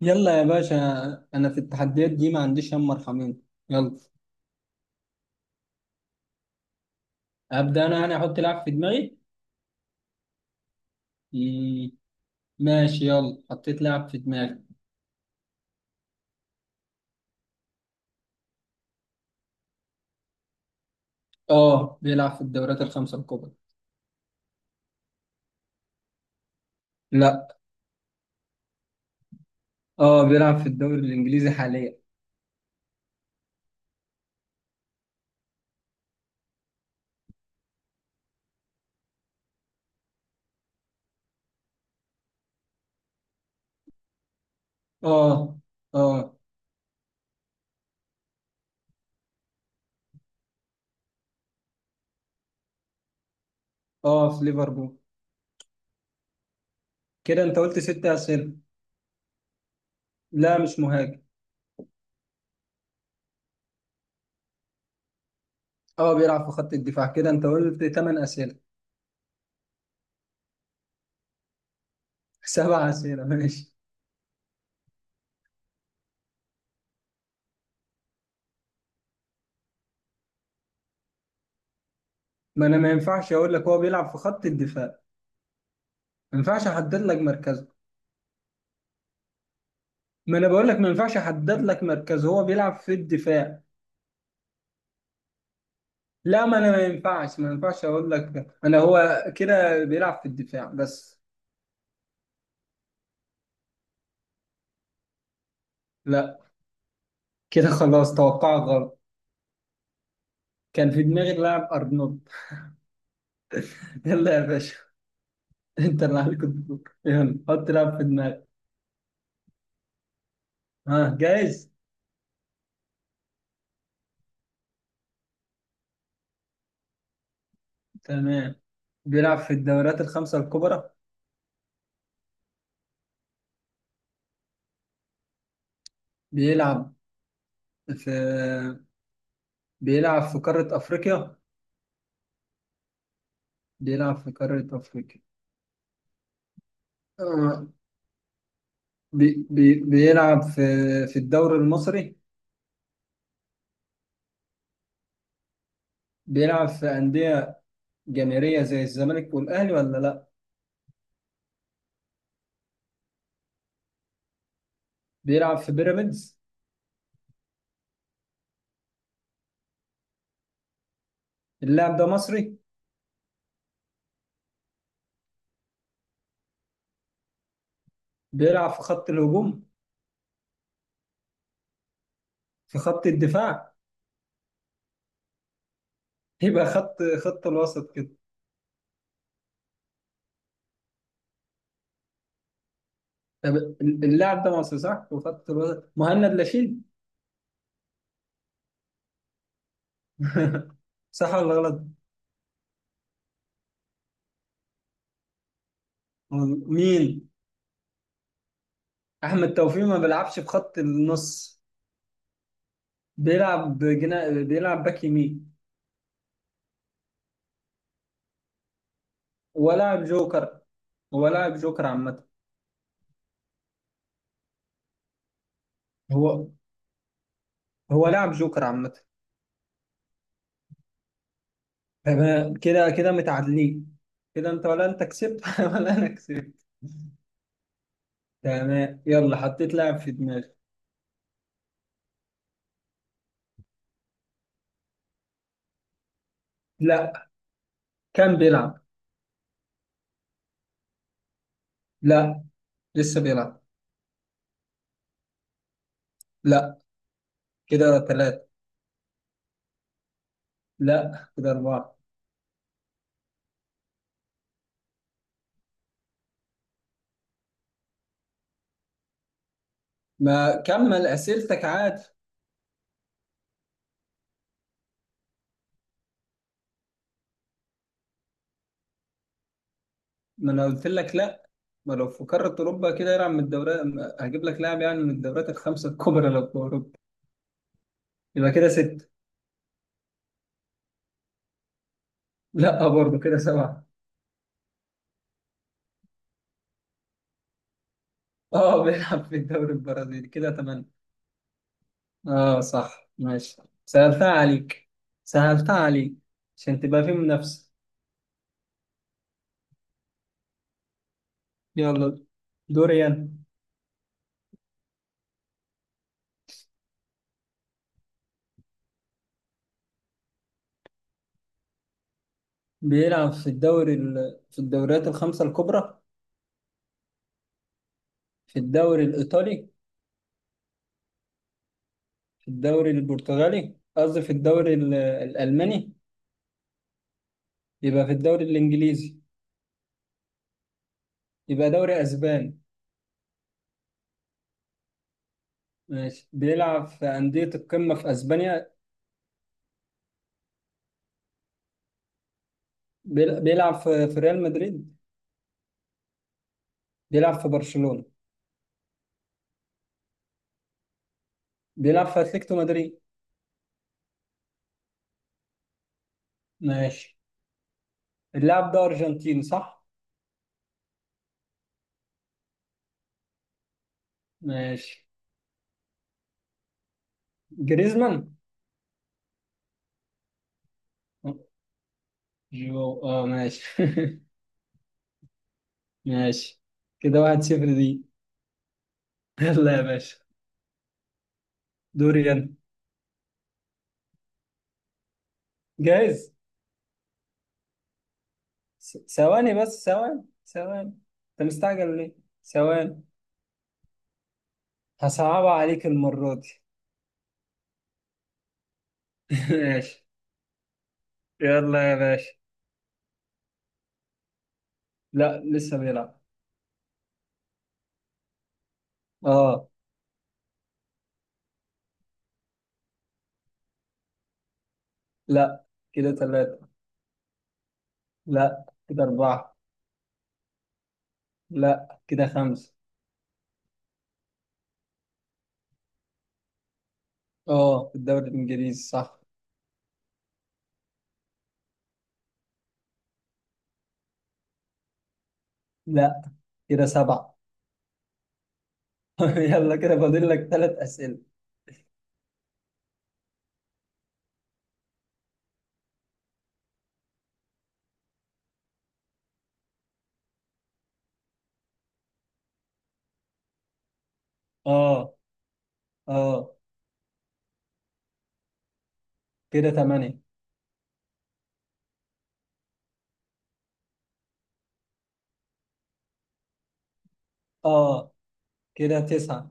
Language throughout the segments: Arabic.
يلا يا باشا. انا في التحديات دي ما عنديش هم مرحمين. يلا ابدا انا يعني احط لاعب في دماغي. مم، ماشي، يلا حطيت لاعب في دماغي. اه بيلعب في الدوريات الخمسة الكبرى. لا. اه بيلعب في الدوري الانجليزي حاليا. اه. اه. اه. في ليفربول. كده انت قلت 6 اسئله. لا مش مهاجم. اه بيلعب في خط الدفاع. كده انت قلت 8 اسئله. 7 اسئله ماشي. ما انا ما ينفعش اقول لك هو بيلعب في خط الدفاع، ما ينفعش احدد لك مركزه. ما انا بقول لك ما ينفعش احدد لك مركز، هو بيلعب في الدفاع. لا ما انا ما ينفعش اقول لك انا، هو كده بيلعب في الدفاع بس. لا كده خلاص توقعك غلط. كان في دماغي اللاعب ارنولد. يلا يا باشا، انت اللي عليك الدور، يلا حط لاعب في دماغك. ها، جاهز؟ تمام. بيلعب في الدوريات الخمسة الكبرى. بيلعب في بيلعب في قارة افريقيا. بيلعب في قارة افريقيا. آه. بي بي بيلعب في الدوري المصري. بيلعب في أندية جماهيرية زي الزمالك والأهلي ولا لا؟ بيلعب في بيراميدز. اللاعب ده مصري. بيلعب في خط الهجوم. في خط الدفاع. يبقى خط الوسط كده. طب اللاعب ده مصري صح وخط الوسط، مهند لاشين؟ صح ولا غلط؟ مين؟ أحمد توفيق؟ ما بيلعبش في خط النص. بيلعب بيلعب باك يمين ولاعب جوكر. هو لاعب جوكر عامة. هو هو لاعب جوكر عامة. تمام. كده متعادلين. كده انت، ولا انت كسبت ولا انا كسبت؟ تمام، يلا حطيت لاعب في دماغي. لا. كان بيلعب. لا لسه بيلعب. لا كده ثلاثة. لا كده أربعة. ما كمل أسئلتك عادي. ما أنا قلت لك لا، ما لو في قارة أوروبا كده يلعب من الدوريات، هجيب لك لاعب يعني من الدوريات الخمسة الكبرى لو في أوروبا، يبقى كده ستة. لا برضه كده سبعة. اه بيلعب في الدوري البرازيلي كده ثمانية. اه صح ماشي. سهلتها عليك. سهلتها عليك عشان تبقى في منافسة. يلا دوري أنا. بيلعب في الدوري في الدوريات الخمسة الكبرى. في الدوري الإيطالي. في الدوري البرتغالي، قصدي في الدوري الألماني. يبقى في الدوري الإنجليزي. يبقى دوري أسباني. ماشي، بيلعب في أندية القمة في أسبانيا. بيلعب في ريال مدريد. بيلعب في برشلونة. بيلعب في أتلتيكو مدريد. ماشي، اللاعب ده أرجنتيني صح؟ ماشي، جريزمان. جو اه ماشي. ماشي، كده 1-0 دي. يلا يا باشا، دوري انا. جاهز. ثواني بس، ثواني ثواني، انت مستعجل ليه؟ ثواني. هصعبها عليك المرة دي. ماشي، يلا يا باشا. لا لسه بيلعب. اه. لا كده ثلاثة. لا كده أربعة. لا كده خمسة. اه في الدوري الإنجليزي صح. لا كده سبعة. يلا كده فاضل لك 3 أسئلة. اه. اه. كده تمانية. اه. كده تسعة.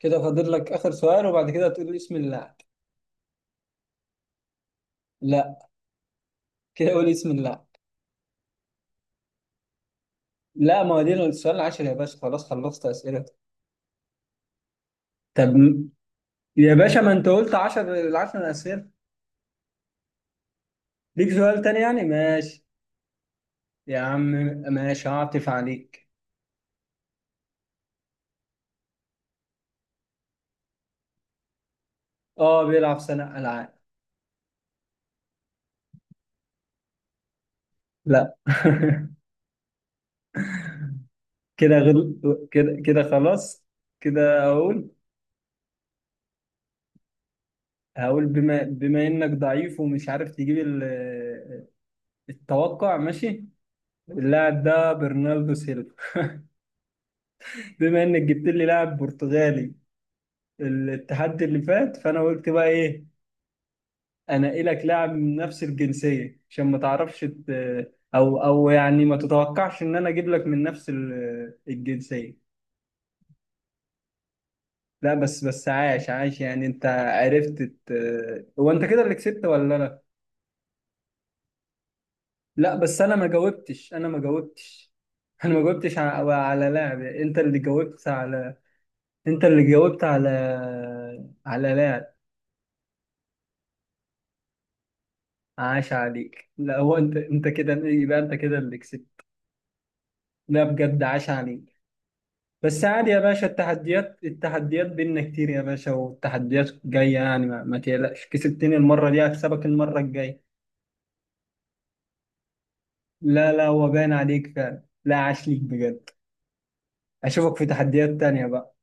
كده فاضل لك آخر سؤال وبعد كده تقول اسم اللاعب. لا كده قول اسم اللاعب. لا ما هو دي السؤال العاشر يا باشا، خلاص خلصت أسئلتك. طب م- يا باشا، ما أنت قلت عشر، العشر أسئلة ليك، سؤال تاني يعني ماشي. يا عم ماشي، هعطف عليك. اه بيلعب سنة ألعاب. لا. كده كده خلاص كده أقول. هقول بما إنك ضعيف ومش عارف تجيب التوقع. ماشي، اللاعب ده برناردو سيلفا. بما انك جبت لي لاعب برتغالي التحدي اللي فات، فانا قلت بقى ايه؟ انقلك لاعب من نفس الجنسية عشان ما تعرفش او يعني ما تتوقعش ان انا اجيب لك من نفس الجنسية. لا بس عاش يعني انت عرفت هو، انت كده اللي كسبت ولا لا؟ لا بس انا ما جاوبتش. انا ما جاوبتش على لاعب، انت اللي جاوبت على. انت اللي جاوبت على. على. لا، عاش عليك لا هو انت كده يبقى انت كده اللي كسبت. لا بجد عاش عليك. بس عادي يا باشا، التحديات بينا كتير يا باشا، والتحديات جاية يعني، ما تقلقش، كسبتني المرة دي هكسبك المرة الجاية. لا لا، هو باين عليك فعلا، لا عاش ليك بجد. اشوفك في تحديات تانية بقى.